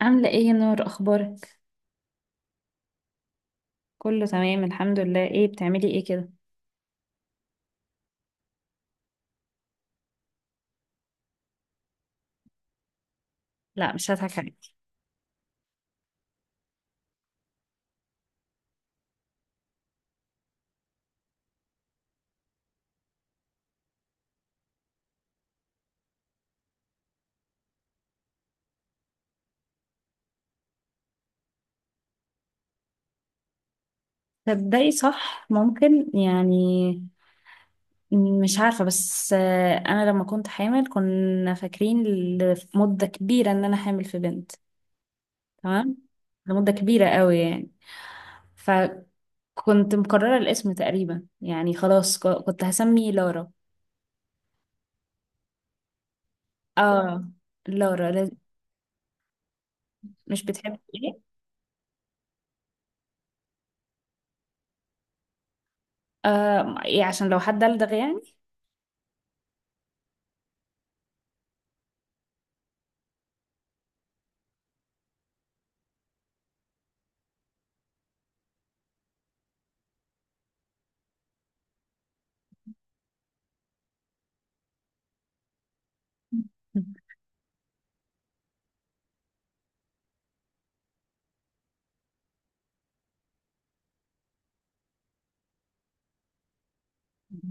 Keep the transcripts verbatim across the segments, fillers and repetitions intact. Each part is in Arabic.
عاملة ايه يا نور، اخبارك؟ كله تمام، الحمد لله. ايه بتعملي ايه كده؟ لا، مش هضحك عليك. تبدأي صح، ممكن يعني. مش عارفة، بس آه، انا لما كنت حامل كنا فاكرين لمدة كبيرة ان انا حامل في بنت. تمام. لمدة كبيرة قوي يعني، فكنت مقررة الاسم تقريبا يعني، خلاص ك- كنت هسمي لارا. اه، لارا. لا- مش بتحبي ايه؟ آه، إيه، عشان لو حد دلدغ يعني.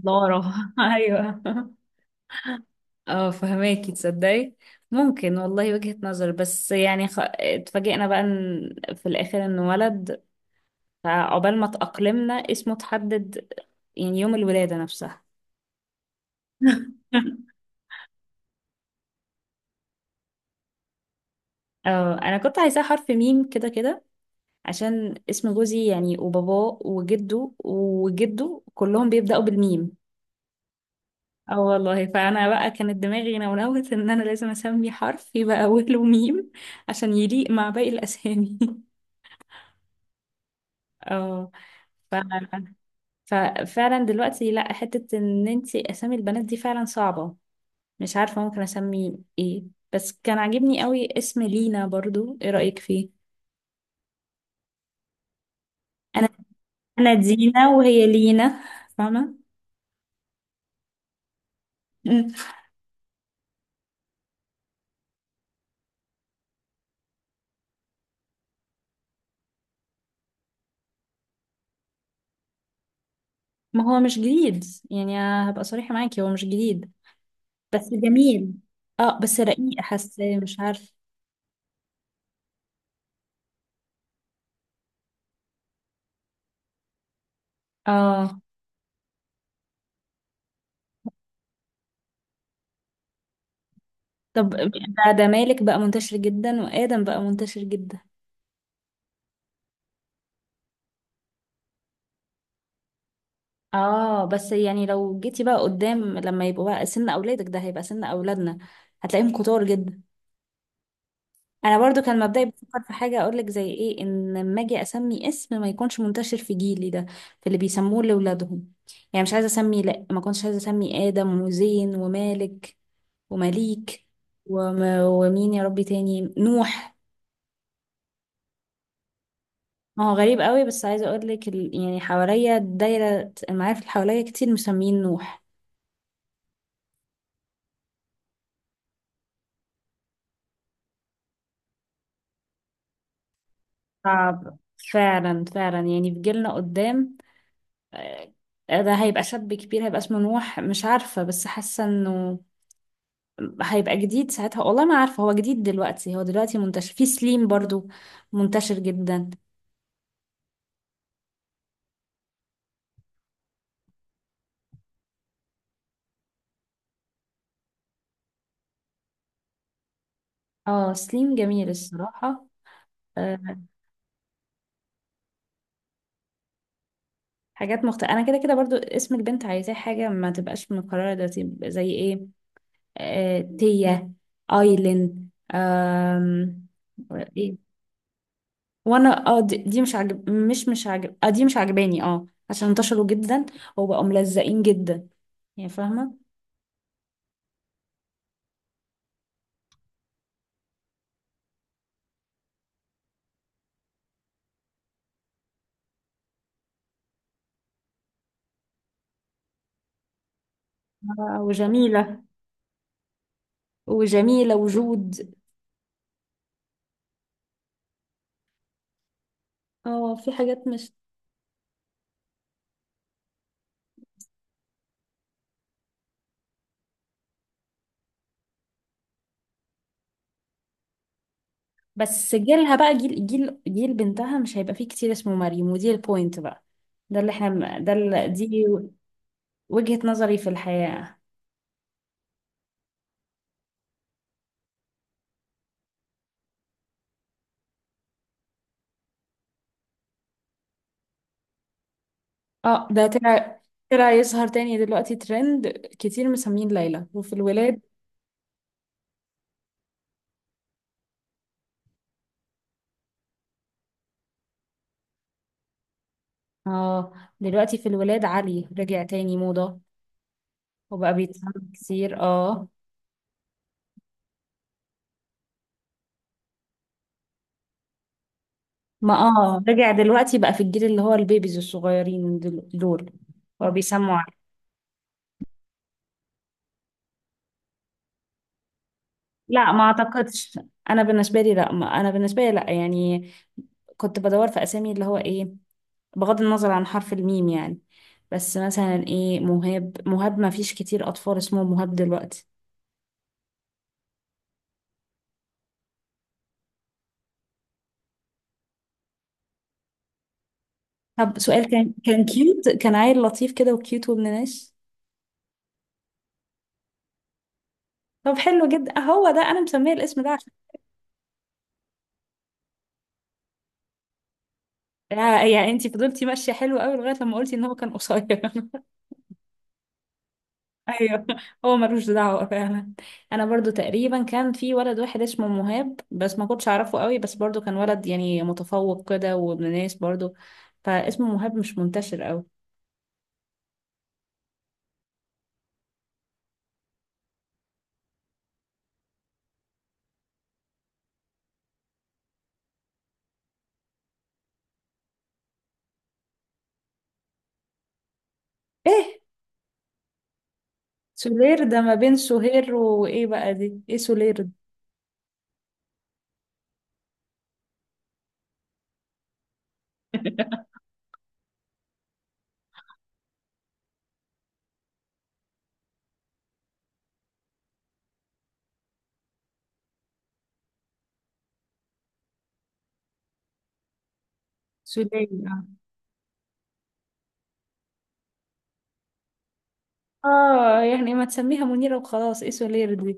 لارا. ايوه، اه فهماكي، تصدقي؟ ممكن والله، وجهة نظر، بس يعني خ... اتفاجئنا بقى ان في الاخر انه ولد. فعقبال ما اتأقلمنا اسمه اتحدد، يعني يوم الولادة نفسها. اه، انا كنت عايزاه حرف ميم كده كده، عشان اسم جوزي يعني وباباه وجده وجده كلهم بيبدأوا بالميم. اه والله، فانا بقى كانت دماغي نونوت ان انا لازم اسمي حرف يبقى اوله ميم، عشان يليق مع باقي الاسامي. اه، ففعلا دلوقتي لا، حتة ان انتي اسامي البنات دي فعلا صعبة، مش عارفة ممكن اسمي ايه. بس كان عاجبني قوي اسم لينا برضو، ايه رأيك فيه؟ انا انا دينا وهي لينا، فاهمة؟ مم. ما هو مش جديد، يعني هبقى صريحة معاكي، هو مش جديد، بس جميل. اه بس رقيق، حاسة مش عارف. اه. طب ده ده مالك بقى منتشر جدا، وآدم بقى منتشر جدا. اه بس يعني لو جيتي بقى قدام، لما يبقوا بقى سن اولادك، ده هيبقى سن اولادنا، هتلاقيهم كتار جدا. انا برضو كان مبدئي بفكر في حاجه، اقول لك زي ايه، ان لما اجي اسمي اسم ما يكونش منتشر في جيلي ده في اللي بيسموه لاولادهم. يعني مش عايزه اسمي، لا، ما كنتش عايزه اسمي ادم وزين ومالك ومليك، وم... ومين يا ربي تاني، نوح. ما هو غريب قوي، بس عايزه اقول لك ال... يعني حواليا دايره المعارف اللي حواليا كتير مسمين نوح. صعب، فعلا فعلا، يعني في جيلنا قدام، آه، ده هيبقى شاب كبير، هيبقى اسمه نوح. مش عارفة بس حاسة انه هيبقى جديد ساعتها. والله ما عارفة، هو جديد دلوقتي؟ هو دلوقتي منتشر، في سليم برضو منتشر جدا. اه، سليم جميل الصراحة. آه، حاجات مختلفة. انا كده كده برضو اسم البنت عايزاه حاجة ما تبقاش مكررة، ده تبقى زي ايه، آه، تيا، ايلين. آم، ايه، وانا اه دي, دي مش عاجب، مش مش عاجب، اه دي مش عاجباني، اه، عشان انتشروا جدا وبقوا ملزقين جدا، يعني فاهمة. آه وجميلة، وجميلة وجود. اه، في حاجات مش. بس جيلها بقى، جيل، جيل جيل بنتها مش هيبقى فيه كتير اسمه مريم، ودي البوينت بقى. ده اللي احنا، ده اللي دي وجهة نظري في الحياة. اه ده طلع طلع يظهر تاني دلوقتي ترند، كتير مسمين ليلى، وفي الولاد. اه دلوقتي في الولاد علي رجع تاني موضة، وبقى بيتعمل كتير. اه ما اه رجع دلوقتي بقى في الجيل اللي هو البيبيز الصغيرين دل- دول، هو بيسموا عليه. لا، ما اعتقدش. انا بالنسبه لي لا، ما انا بالنسبه لي لا، يعني كنت بدور في اسامي اللي هو ايه، بغض النظر عن حرف الميم يعني. بس مثلا ايه، مهاب مهاب ما فيش كتير اطفال اسمه مهاب دلوقتي. طب سؤال، كان كان كيوت، كان عيل لطيف كده وكيوت وابن ناس؟ طب حلو جدا، هو ده انا مسميه الاسم ده عشان... يا, يا انتي فضلتي ماشيه حلو قوي لغايه لما قلتي ان هو كان قصير. ايوه، هو ملوش دعوه فعلا. انا برضو تقريبا كان في ولد واحد اسمه مهاب، بس ما كنتش اعرفه قوي، بس برضو كان ولد يعني متفوق كده وابن ناس برضو، فاسمه مهاب مش منتشر قوي. ايه سولير ده، ما بين سهير وايه بقى دي، ايه سولير دي؟ سولير، اه. آه، يعني ما تسميها منيرة وخلاص، ايه سولير دي؟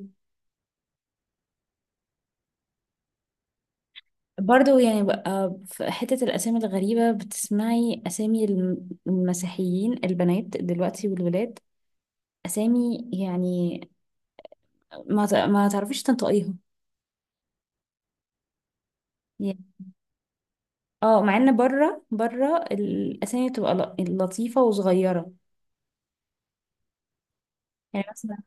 برضو يعني بقى في حتة الأسامي الغريبة، بتسمعي أسامي الم- المسيحيين البنات دلوقتي والولاد، أسامي يعني ما ت- ما تعرفيش تنطقيها يعني. اه مع ان بره بره الاسامي بتبقى ل- لطيفه وصغيره، يعني مثلا،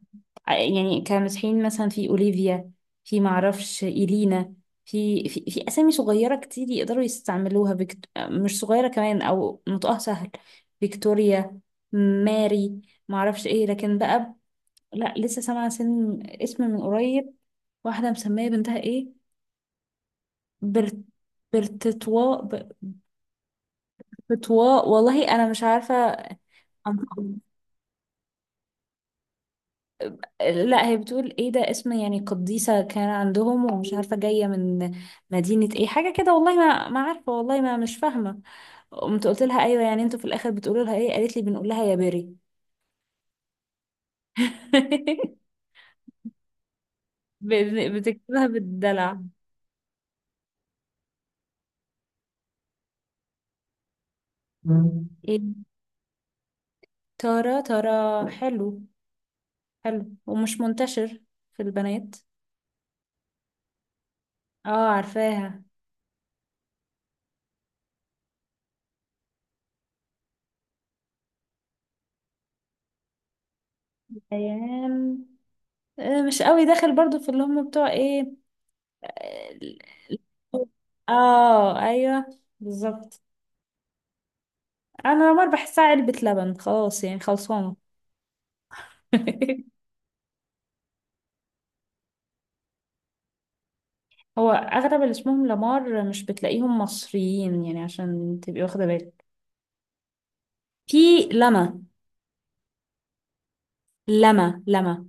يعني كمسيحيين مثلا، في اوليفيا، في معرفش ايلينا، في في في اسامي صغيره كتير يقدروا يستعملوها، بكت... مش صغيره كمان او نطقها سهل. فيكتوريا، ماري، معرفش ايه. لكن بقى، لا لسه سامعه سن اسم من قريب، واحده مسميه بنتها ايه، برت... برتتوا. فتوى والله، انا مش عارفه. لا، هي بتقول ايه ده اسم يعني قديسه كان عندهم، ومش عارفه جايه من مدينه ايه، حاجه كده، والله ما ما عارفه، والله ما مش فاهمه. قمت قلت لها ايوه، يعني انتوا في الاخر بتقولوا لها ايه؟ قالت لي بنقول لها يا بري. بن- بتكتبها بالدلع. مم. ايه؟ ترى ترى، حلو، حلو ومش منتشر في البنات. اه عارفاها. ايام. آه، مش قوي داخل برضو، في اللي هم بتوع ايه. اه ايوه، بالظبط. انا لامار بحسها علبة لبن خلاص، يعني خلصانة. هو اغلب اللي اسمهم لامار مش بتلاقيهم مصريين يعني، عشان تبقي واخدة بالك. في لما لما لما.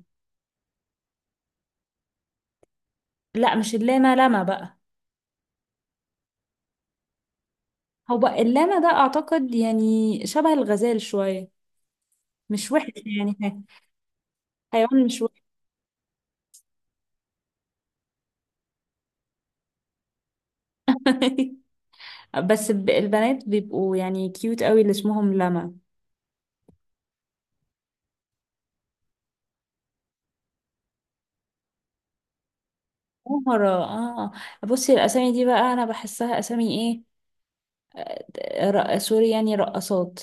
لا مش اللاما، لما بقى. هو اللاما ده اعتقد يعني شبه الغزال شوية، مش وحش يعني. حيوان مش وحش. بس الب- البنات بيبقوا يعني كيوت قوي اللي اسمهم لما. مهرة؟ اه. بصي الأسامي دي بقى، أنا بحسها أسامي إيه، آه، رق- سوري، يعني رقصات،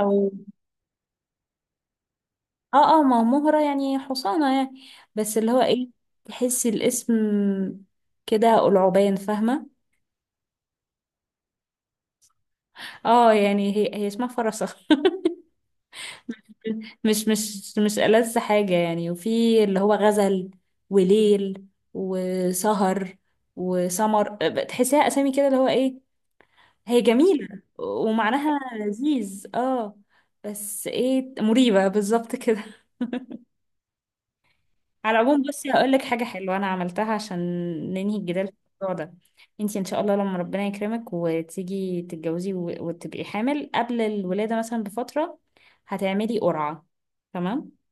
أو... اه اه ما مهرة يعني حصانة يعني، بس اللي هو إيه، تحسي الاسم كده قلعبان، فاهمة؟ اه يعني هي هي اسمها فرسة. مش مش مش ألذ حاجة يعني. وفي اللي هو غزل، وليل، وسهر، وسمر، بتحسيها أسامي كده اللي هو إيه، هي جميلة ومعناها لذيذ اه. بس ايه، مريبة بالظبط كده. على العموم بصي، هقول لك حاجة حلوة أنا عملتها عشان ننهي الجدال في الموضوع ده. انتي إن شاء الله لما ربنا يكرمك وتيجي تتجوزي و- وتبقي حامل، قبل الولادة مثلا بفترة هتعملي قرعة، تمام؟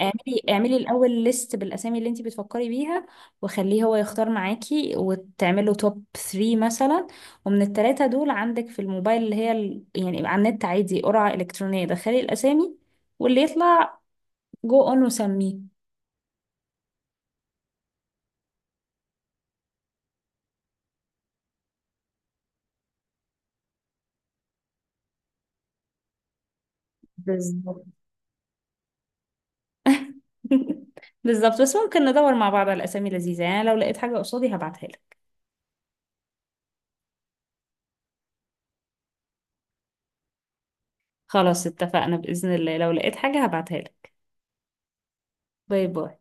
اعملي اعملي الاول ليست بالاسامي اللي انت بتفكري بيها، وخليه هو يختار معاكي وتعمله توب تلاتة مثلا، ومن الثلاثه دول عندك في الموبايل اللي هي ال... يعني على النت عادي قرعه الكترونيه، دخلي الاسامي واللي يطلع جو اون وسميه. بالظبط. بالظبط، بس ممكن ندور مع بعض على اسامي لذيذه يعني، لو لقيت حاجه قصادي هبعتها لك. خلاص اتفقنا، باذن الله لو لقيت حاجه هبعتها لك. باي باي.